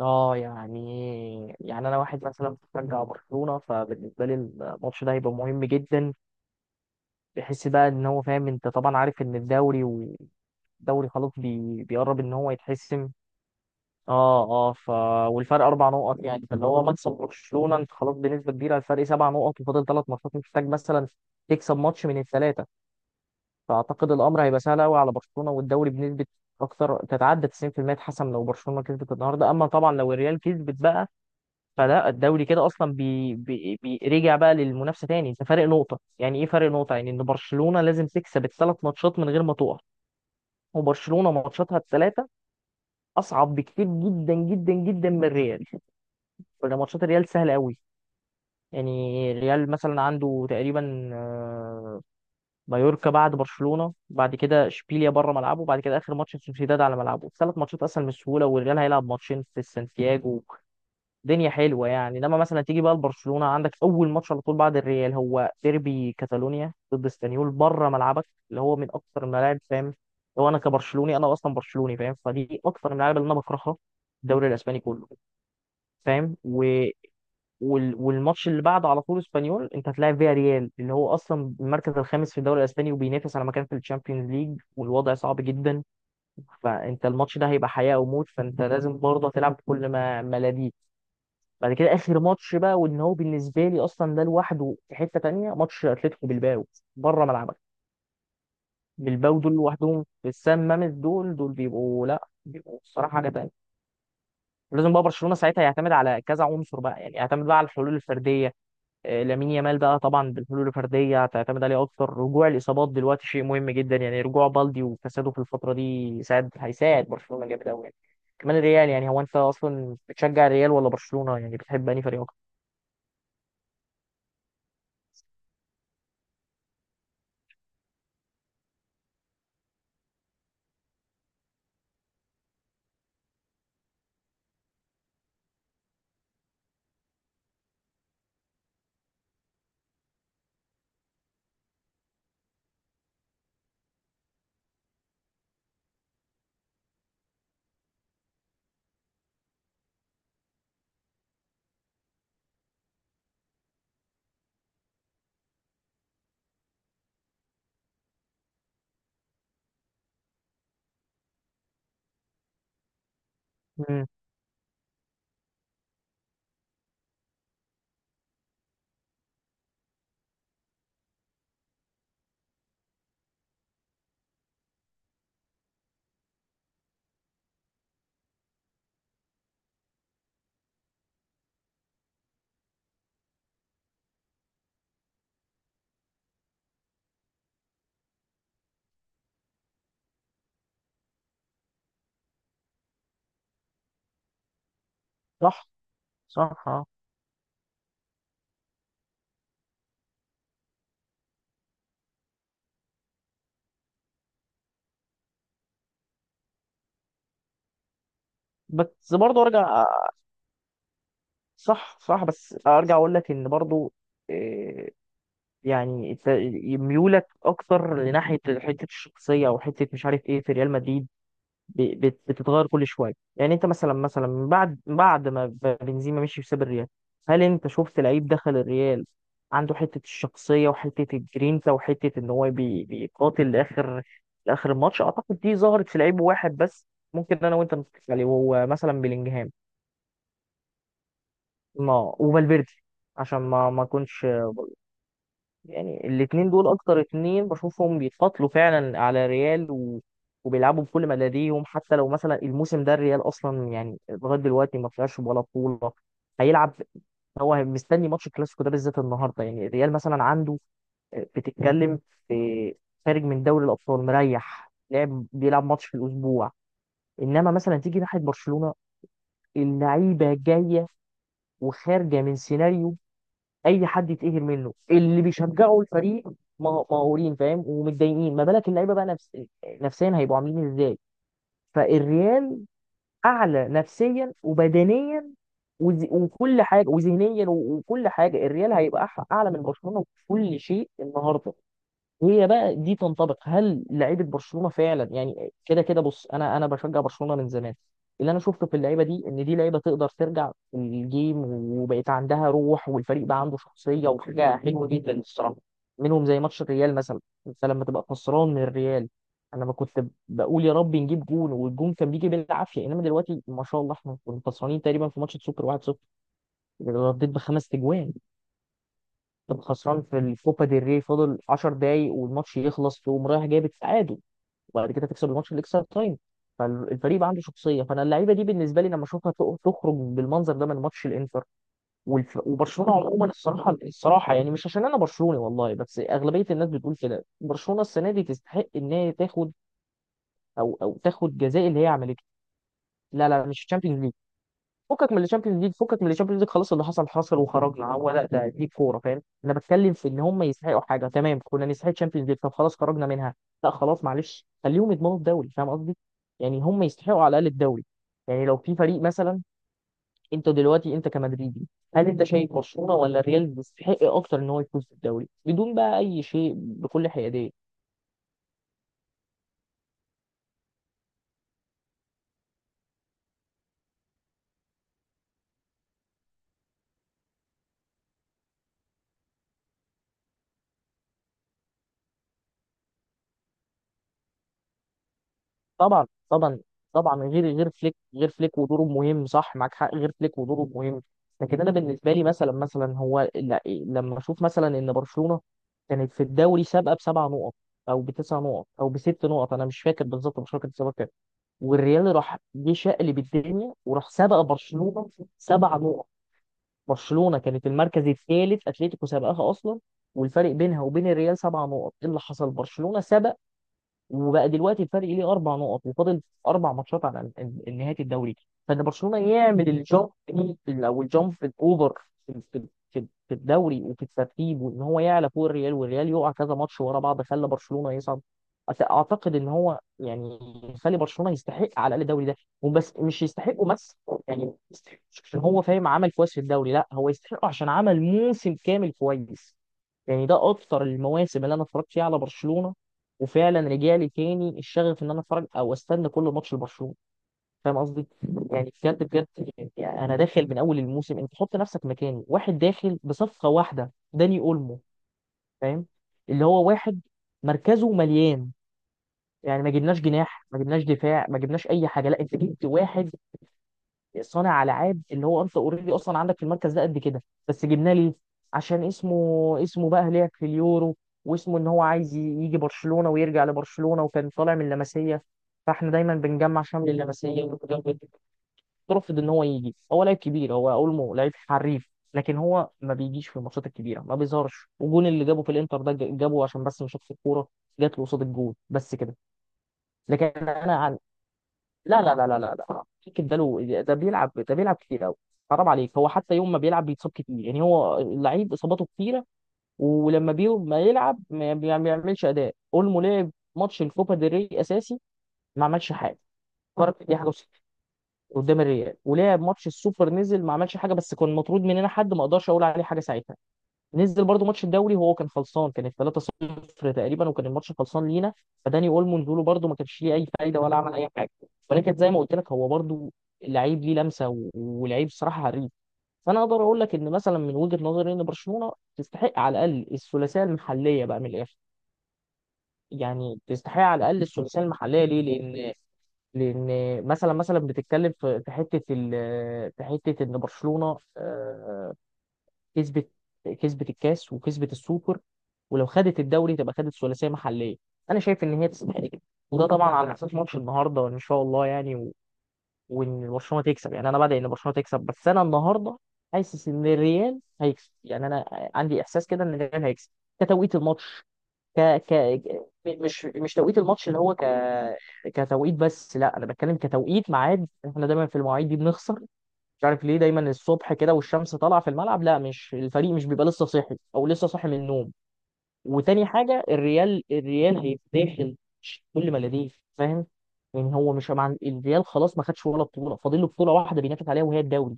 يعني انا واحد مثلا بشجع برشلونه، فبالنسبه لي الماتش ده هيبقى مهم جدا. بحس بقى ان هو فاهم، انت طبعا عارف ان الدوري والدوري خلاص بيقرب ان هو يتحسم. اه اه ف والفرق اربع نقط، يعني فاللي هو مكسب برشلونه انت خلاص بنسبه كبيره الفرق سبع نقط وفاضل ثلاث ماتشات، محتاج مثلا تكسب ماتش من الثلاثه. فاعتقد الامر هيبقى سهل قوي على برشلونه، والدوري بنسبه اكثر تتعدى 90% اتحسم لو برشلونه كسبت النهارده. اما طبعا لو الريال كسبت بقى فلا، الدوري كده اصلا رجع بقى للمنافسه تاني، انت فارق نقطه، يعني ايه فارق نقطه؟ يعني ان برشلونه لازم تكسب الثلاث ماتشات من غير ما تقع. وبرشلونه ماتشاتها الثلاثه اصعب بكتير جدا جدا جدا من الريال، ولا ماتشات الريال سهله قوي. يعني الريال مثلا عنده تقريبا مايوركا، بعد برشلونه، بعد كده اشبيليا بره ملعبه، بعد كده اخر ماتش سوسيداد على ملعبه. ثلاث ماتشات اسهل من السهوله، والريال هيلعب ماتشين في سانتياجو. دنيا حلوه. يعني لما مثلا تيجي بقى لبرشلونه عندك اول ماتش على طول بعد الريال هو ديربي كاتالونيا ضد اسبانيول بره ملعبك، اللي هو من اكثر الملاعب، فاهم. هو انا كبرشلوني، انا اصلا برشلوني فاهم، فدي اكثر الملاعب اللي انا بكرهها في الدوري الاسباني كله، فاهم. والماتش اللي بعده على طول اسبانيول، انت هتلاعب فيها ريال اللي هو اصلا المركز الخامس في الدوري الاسباني وبينافس على مكان في الشامبيونز ليج والوضع صعب جدا. فانت الماتش ده هيبقى حياه او موت، فانت لازم برضه تلعب بكل ما لديك. بعد كده اخر ماتش بقى وان هو بالنسبه لي اصلا ده لوحده في حته تانية، ماتش اتلتيكو بالباو بره ملعبك. بالباو دول لوحدهم في السان مامس، دول دول بيبقوا، لا بيبقوا الصراحه حاجه تانية. لازم بقى برشلونه ساعتها يعتمد على كذا عنصر بقى، يعني يعتمد بقى على الحلول الفرديه. لامين يامال بقى طبعا بالحلول الفرديه هتعتمد عليه اكتر. رجوع الاصابات دلوقتي شيء مهم جدا، يعني رجوع بالدي وفساده في الفتره دي يساعد، هيساعد برشلونه جامد قوي يعني. كمان الريال، يعني هو انت اصلا بتشجع الريال ولا برشلونه؟ يعني بتحب انهي فريق اكتر؟ مم. صح صح آه. بس برضه ارجع، صح صح، بس ارجع اقول لك ان برضه إيه، يعني إنت ميولك اكتر لناحيه حته الشخصيه او حته مش عارف ايه في ريال مدريد بتتغير كل شويه. يعني انت مثلا من بعد ما بنزيما مشي وساب الريال، هل انت شفت لعيب دخل الريال عنده حته الشخصيه وحته الجرينتا وحته ان هو بيقاتل لاخر لاخر الماتش؟ اعتقد دي ظهرت في لعيب واحد بس ممكن انا وانت نتفق عليه، وهو مثلا بلينجهام، ما وفالفيردي، عشان ما اكونش، يعني الاتنين دول اكتر اتنين بشوفهم بيتقاتلوا فعلا على ريال وبيلعبوا بكل ما لديهم، حتى لو مثلا الموسم ده الريال اصلا يعني لغايه دلوقتي ما طلعش ولا بطوله. هيلعب، هو مستني ماتش الكلاسيكو ده بالذات النهارده. يعني الريال مثلا عنده بتتكلم في، خارج من دوري الابطال مريح، لعب بيلعب ماتش في الاسبوع. انما مثلا تيجي ناحيه برشلونه، اللعيبه جايه وخارجه من سيناريو اي حد يتقهر منه، اللي بيشجعوا الفريق مقهورين فاهم ومتضايقين، ما بالك اللعيبه بقى نفسيا هيبقوا عاملين ازاي؟ فالريال اعلى نفسيا وبدنيا وكل حاجه وذهنيا وكل حاجه، الريال هيبقى اعلى من برشلونه في كل شيء النهارده. هي بقى دي تنطبق هل لعيبه برشلونه فعلا؟ يعني كده كده بص، انا بشجع برشلونه من زمان، اللي انا شفته في اللعيبه دي ان دي لعيبه تقدر ترجع الجيم وبقيت عندها روح، والفريق بقى عنده شخصيه وحاجه حلوه جدا الصراحه منهم، زي ماتش الريال مثلا. انت لما تبقى خسران من الريال، انا ما كنت بقول يا رب نجيب جون والجون كان بيجي بالعافيه، انما دلوقتي ما شاء الله، احنا كنا خسرانين تقريبا في ماتش السوبر 1-0 رديت بخمس تجوان. كان خسران في الكوبا ديل ري فاضل 10 دقايق والماتش يخلص، تقوم رايح جايب التعادل، وبعد كده تكسب الماتش الاكسترا تايم. فالفريق بقى عنده شخصيه. فانا اللعيبه دي بالنسبه لي لما اشوفها تخرج بالمنظر ده من ماتش الانتر وبرشلونه عموما الصراحه الصراحه، يعني مش عشان انا برشلوني والله، بس اغلبيه الناس بتقول كده، برشلونه السنه دي تستحق ان هي تاخد او او تاخد جزاء اللي هي عملته. لا لا، مش تشامبيونز ليج، فكك من الشامبيونز ليج، فكك من الشامبيونز ليج خلاص، اللي حصل حصل وخرجنا. هو لا ده دي كوره فاهم، انا بتكلم في ان هم يستحقوا حاجه تمام. كنا نستحق الشامبيونز ليج، طب خلاص خرجنا منها، لا خلاص معلش خليهم يضمنوا الدوري، فاهم قصدي؟ يعني هم يستحقوا على الاقل الدوري. يعني لو في فريق مثلا، انت دلوقتي انت كمدريدي، هل انت شايف برشلونه ولا الريال يستحق اكتر ان هو يفوز بالدوري بدون بقى اي شيء بكل حياديه؟ طبعا طبعا طبعا، غير فليك، غير فليك ودوره مهم، صح معاك حق، غير فليك ودوره مهم. لكن انا بالنسبه لي مثلا مثلا هو لما اشوف مثلا ان برشلونه كانت في الدوري سابقه بسبع نقط او بتسع نقط او بست نقط، انا مش فاكر بالظبط برشلونه كانت سابقه كام، والريال راح جه شقلب الدنيا وراح سابق برشلونه سبع نقط. برشلونه كانت المركز الثالث، اتلتيكو سابقاها اصلا والفرق بينها وبين الريال سبع نقط. ايه اللي حصل؟ برشلونه سبق، وبقى دلوقتي الفرق ليه اربع نقط وفاضل اربع ماتشات على نهايه الدوري. فان برشلونه يعمل الجامب دي، او الجامب الاوفر في الدوري وفي الترتيب، وان هو يعلى فوق الريال والريال يقع كذا ماتش ورا بعض خلى برشلونه يصعد، اعتقد ان هو يعني يخلي برشلونه يستحق على الاقل الدوري ده. وبس مش يستحقه بس، يعني يستحق مش عشان هو فاهم عمل كويس في الدوري، لا هو يستحقه عشان عمل موسم كامل كويس. يعني ده اكتر المواسم اللي انا اتفرجت فيها على برشلونه، وفعلا رجع لي تاني الشغف ان انا اتفرج او استنى كل ماتش لبرشلونه، فاهم قصدي؟ يعني بجد بجد، يعني انا داخل من اول الموسم، انت حط نفسك مكاني، واحد داخل بصفقه واحده داني اولمو، فاهم؟ اللي هو واحد مركزه مليان، يعني ما جبناش جناح، ما جبناش دفاع، ما جبناش اي حاجه، لا انت جبت واحد صانع العاب اللي هو انت اوريدي اصلا عندك في المركز ده قد كده. بس جبناه ليه؟ عشان اسمه، اسمه بقى هناك في اليورو، واسمه ان هو عايز يجي برشلونه ويرجع لبرشلونه، وكان طالع من اللمسيه، فاحنا دايما بنجمع شمل اللمسيه ونتجمع. رفض ان هو يجي. هو لعيب كبير، هو اولمو لعيب حريف، لكن هو ما بيجيش في الماتشات الكبيره، ما بيظهرش، والجون اللي جابه في الانتر ده جابه عشان بس مش شاف الكوره، جات له قصاد الجون بس كده. لكن انا، لا لا لا لا لا لا، فكر ده له، ده بيلعب، ده بيلعب كتير قوي. حرام عليك، هو حتى يوم ما بيلعب بيتصاب كتير، يعني هو اللعيب اصاباته كتيره، ولما بيوم ما يلعب ما بيعملش اداء. اولمو لعب ماتش الكوبا ديل ري اساسي، ما عملش حاجه، فرق دي حاجه وستين قدام الريال. ولعب ماتش السوبر، نزل ما عملش حاجه، بس كان مطرود مننا حد ما اقدرش اقول عليه حاجه ساعتها. نزل برضو ماتش الدوري وهو كان خلصان، كانت 3-0 تقريبا وكان الماتش خلصان لينا، فداني اولمو نزوله برضو ما كانش ليه اي فايده ولا عمل اي حاجه. ولكن زي ما قلت لك هو برضو لعيب ليه لمسه ولعيب صراحه حريف. فانا اقدر اقول لك ان مثلا من وجهه نظري ان برشلونه تستحق على الاقل الثلاثيه المحليه بقى من الاخر. يعني تستحق على الاقل الثلاثيه المحليه، ليه؟ لان، لان مثلا مثلا بتتكلم في في حته في حته ان برشلونه كسبت، كسبت الكاس وكسبت السوبر، ولو خدت الدوري تبقى خدت ثلاثيه محليه، انا شايف ان هي تستحق كده. وده طبعا على اساس ماتش النهارده وان شاء الله يعني وان برشلونه تكسب، يعني انا بدعي ان برشلونه تكسب بس انا النهارده حاسس ان الريال هيكسب. يعني انا عندي احساس كده ان الريال هيكسب كتوقيت الماتش، ك... ك... م- مش مش توقيت الماتش اللي هو كتوقيت بس، لا انا بتكلم كتوقيت ميعاد، احنا دايما في المواعيد دي بنخسر، مش عارف ليه دايما الصبح كده والشمس طالعه في الملعب، لا مش الفريق مش بيبقى لسه صاحي او لسه صاحي من النوم. وتاني حاجه الريال، الريال هيتداخل كل ما لديه فاهم. يعني هو مش مع الريال خلاص ما خدش ولا بطوله، فاضل له بطوله واحده بينافس عليها وهي الدوري،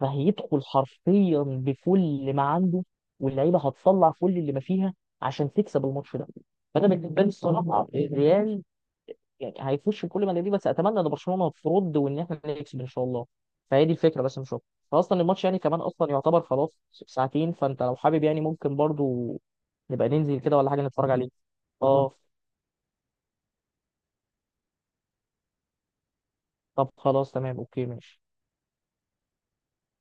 فهيدخل حرفيا بكل ما عنده، واللعيبه هتطلع كل اللي ما فيها عشان تكسب الماتش ده. فانا بالنسبه لي الصراحه الريال يعني هيفوش في كل ما دي، بس اتمنى ان برشلونه ترد وان احنا نكسب ان شاء الله. فهي دي الفكره بس، مش اكتر. فاصلا الماتش يعني كمان اصلا يعتبر خلاص ساعتين، فانت لو حابب يعني ممكن برضو نبقى ننزل كده ولا حاجه نتفرج عليه. اه طب خلاص، تمام اوكي ماشي.